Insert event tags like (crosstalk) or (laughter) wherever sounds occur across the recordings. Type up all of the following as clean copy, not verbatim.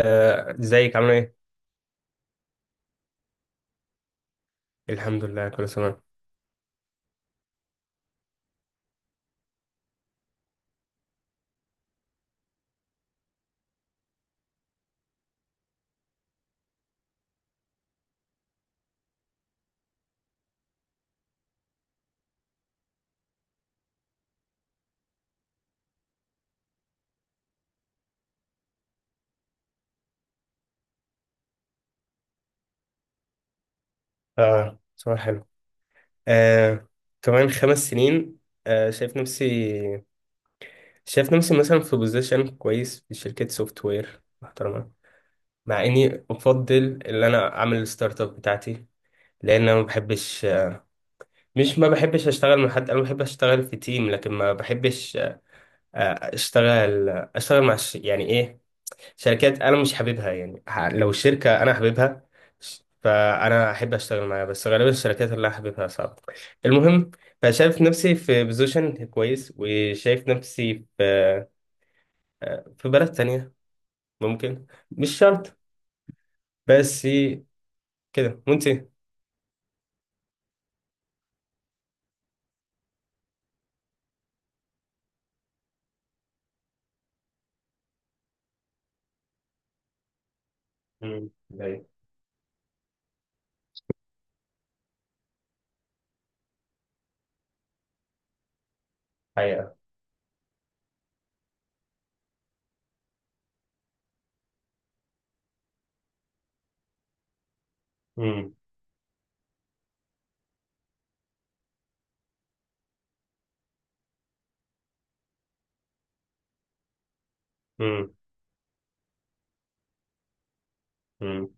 ازيك عامل ايه؟ الحمد لله كله تمام. اه، صباح حلو. آه، كمان 5 سنين. آه، شايف نفسي شايف نفسي مثلا في بوزيشن كويس في شركة سوفت وير محترمة. مع اني افضل ان انا اعمل الستارت اب بتاعتي. لان انا ما بحبش. مش ما بحبش اشتغل مع حد، انا بحب اشتغل في تيم لكن ما بحبش اشتغل مع يعني ايه، شركات انا مش حاببها، يعني لو الشركه انا حاببها، فانا احب اشتغل معاها، بس غالبا الشركات اللي انا حاببها صعبه. المهم، فشايف نفسي في بوزيشن كويس وشايف نفسي في بلد تانية، ممكن مش شرط. بس كده، وانت؟ امم. حقيقة. امم. امم. امم.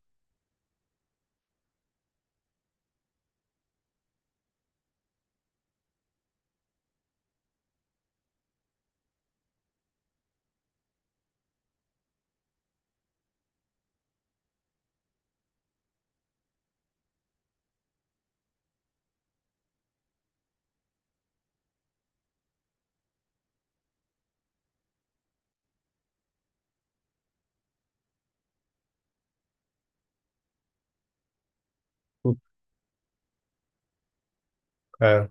اه.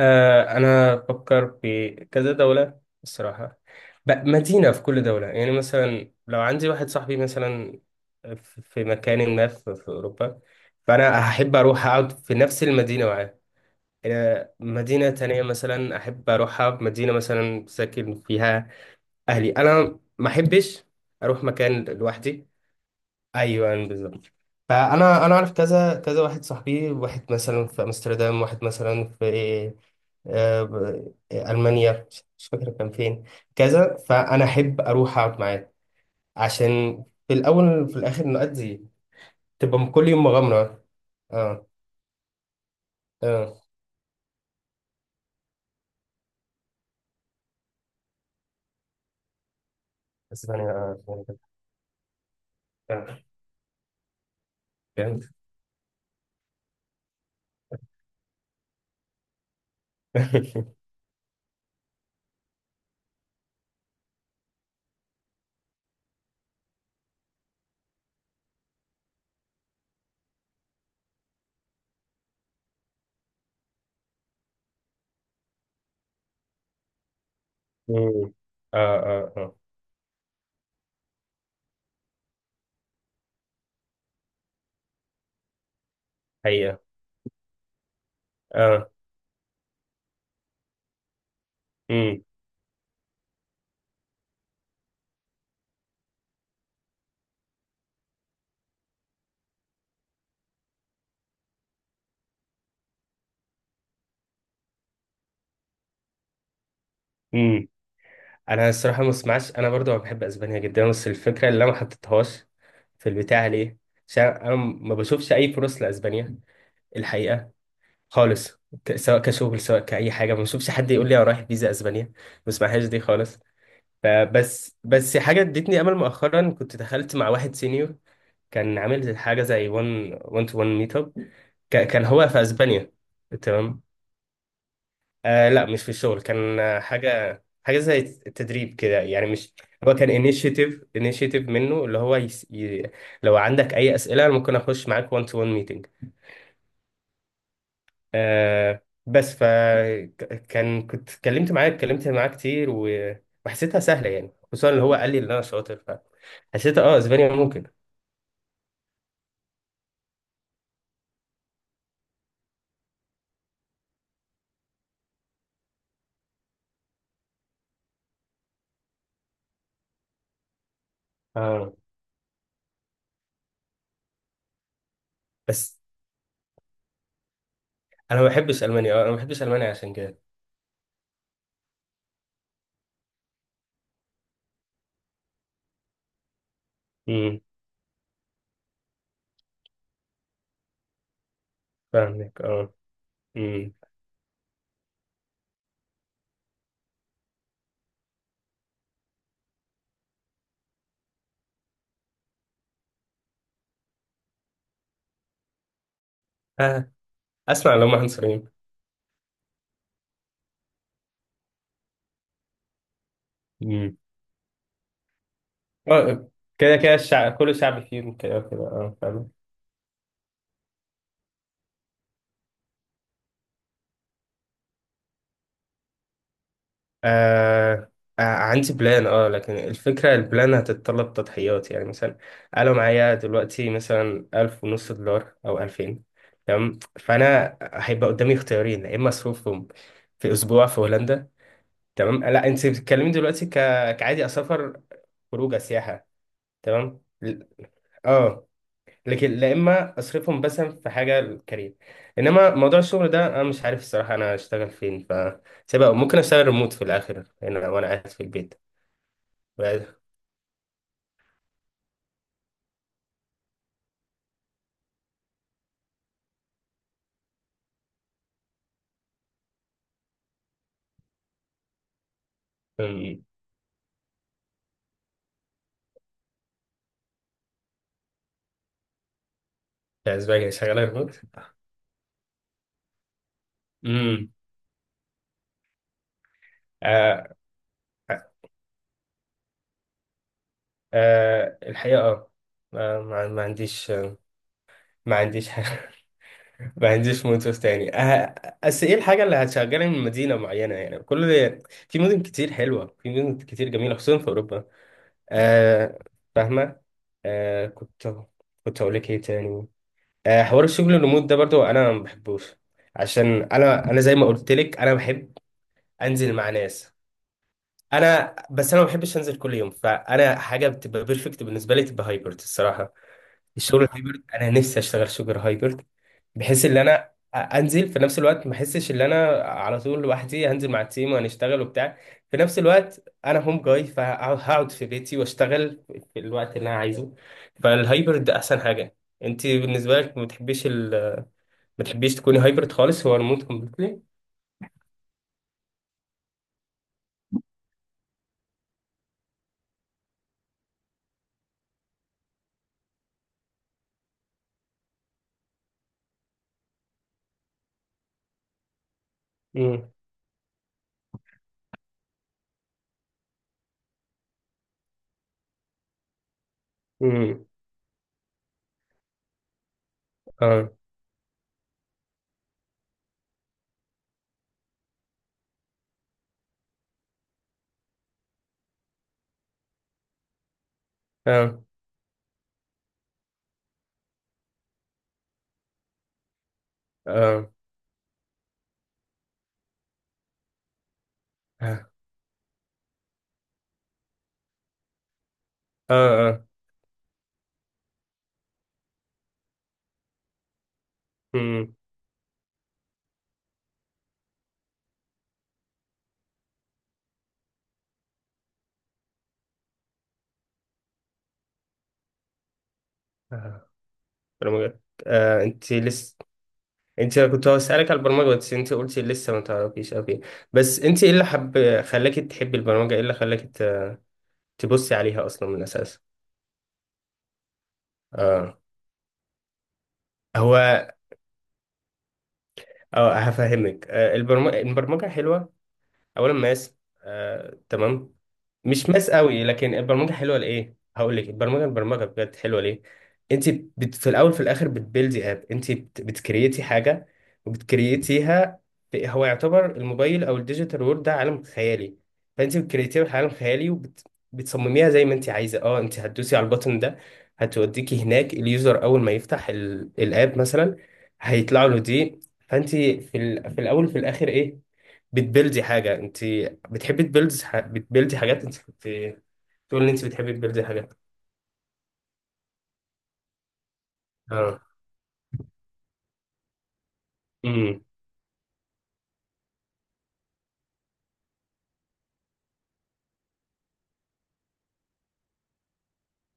أنا بفكر في كذا دولة الصراحة. مدينة في كل دولة، يعني مثلا لو عندي واحد صاحبي مثلا في مكان ما في أوروبا، فأنا هحب أروح أقعد في نفس المدينة معاه. مدينة تانية مثلا أحب أروحها، مدينة مثلا ساكن فيها أهلي. أنا ما أحبش أروح مكان لوحدي. ايوه، أيوة، بالظبط. فانا اعرف كذا كذا واحد صاحبي، واحد مثلا في امستردام، واحد مثلا في المانيا، مش فاكر كان فين. كذا فانا احب اروح اقعد معاه، عشان في الاول وفي الاخر نؤدي. تبقى كل يوم مغامره. اه. اه. بس ثانيه، ثانية كده. آه، فهمت. (laughs) مم. اه. اه. اه. حقيقه. اه. امم. انا الصراحه ما اسمعش، انا برضو بحب اسبانيا جدا، بس الفكره اللي انا ما حطيتهاش في البتاع ليه، عشان انا ما بشوفش اي فرص لاسبانيا، الحقيقه، خالص. سواء كشغل سواء كاي حاجه، ما بشوفش حد يقول لي انا رايح فيزا اسبانيا، ما اسمعهاش دي خالص. فبس حاجه ادتني امل، مؤخرا كنت دخلت مع واحد سينيور كان عامل حاجه زي 1 1 تو 1 ميت اب، كان هو في اسبانيا. تمام. آه لا، مش في الشغل، كان حاجة زي التدريب كده، يعني مش. هو كان انيشيتيف منه، اللي هو لو عندك أي أسئلة أنا ممكن أخش معاك 1 تو 1 ميتنج. بس كنت اتكلمت معاه، اتكلمت معاه كتير، وحسيتها سهلة، يعني خصوصا اللي هو قال لي إن أنا شاطر. فحسيت اسبانيا ممكن. اه، بس انا ما بحبش المانيا، انا ما بحبش المانيا عشان كده. امم. فاهمك. اه. امم. آه، اسمع، لو هم عنصريين. اه. كده كده الشعب، كل شعب فيهم كده كده، اه فاهم. آه. عندي بلان، اه، لكن الفكرة البلان هتتطلب تضحيات، يعني مثلا أنا معايا دلوقتي مثلا 1500 دولار أو 2000. تمام، فأنا هيبقى قدامي اختيارين، يا إما أصرفهم في أسبوع في هولندا. تمام. لا، أنت بتتكلمي دلوقتي كعادي أسافر خروجة سياحة. تمام. اه. لكن لا، اما اصرفهم مثلا في حاجه للكارير، انما موضوع الشغل ده انا مش عارف الصراحه انا اشتغل فين، سيبها، ممكن اشتغل ريموت في الاخر هنا وانا قاعد في البيت. بعد- أمم، في اسبانيا شغاله ريموت. امم. آه. آه. الحقيقه، اه. ما عنديش. ما عنديش حاجة. (laughs) ما عنديش موتوف تاني، بس ايه الحاجه اللي هتشغلني من مدينه معينه يعني، كل، في مدن كتير حلوه، في مدن كتير جميله، خصوصا في اوروبا. آه. فاهمة. آه كنت كنت هقول لك ايه تاني؟ حوار الشغل الريموت ده برضو انا ما بحبوش، عشان انا زي ما قلت لك انا بحب انزل مع ناس. انا بس انا ما بحبش انزل كل يوم، فانا حاجه بتبقى بيرفكت بالنسبه لي تبقى هايبرد الصراحه. الشغل الهايبرد، انا نفسي اشتغل شغل هايبرد، بحيث ان انا انزل في نفس الوقت ما احسش ان انا على طول لوحدي، هنزل مع التيم وهنشتغل وبتاع، في نفس الوقت انا هوم جاي فهقعد في بيتي واشتغل في الوقت اللي انا عايزه، فالهايبرد احسن حاجه. انت بالنسبه لك ما بتحبيش تكوني هايبرد خالص؟ هو ريموت كومبليتلي؟ امم. امم. اه. اه. اه. اه. اه. امم. اه. آه. آه. آه. آه. آه. آه. آه. آه. انت كنت هسألك على البرمجة بس انت قلتي لسه ما تعرفيش، اوكي، بس انت ايه اللي حب خلاكي تحبي البرمجة؟ ايه اللي خلاكي تبصي عليها اصلا من الاساس؟ اه. هو. اه هفهمك. البرمجة حلوة. اولا ماس، تمام. مش ماس قوي لكن البرمجه حلوه، لايه هقول لك البرمجه بجد حلوه ليه. انت في الاول في الاخر بتبيلدي اب، انت بتكريتي حاجه وبتكريتيها. هو يعتبر الموبايل او الديجيتال وورد ده عالم خيالي، فانت بتكريتيها في عالم خيالي بتصمميها زي ما انت عايزه. اه، انت هتدوسي على البوتن ده هتوديكي هناك. اليوزر اول ما يفتح الاب مثلا هيطلع له دي. فانت في الاول في الاخر ايه؟ بتبلدي حاجة، انت بتحبي تبلدي بتبلدي حاجات، انت كنت تقول ان انت بتحبي تبلدي حاجات. اه. امم.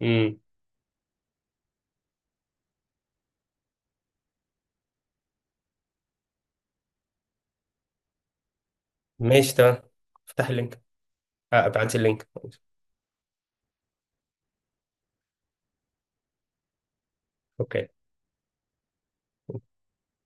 امم. ماشي، تمام. افتح اللينك. اه، ابعتي اللينك. اوكي.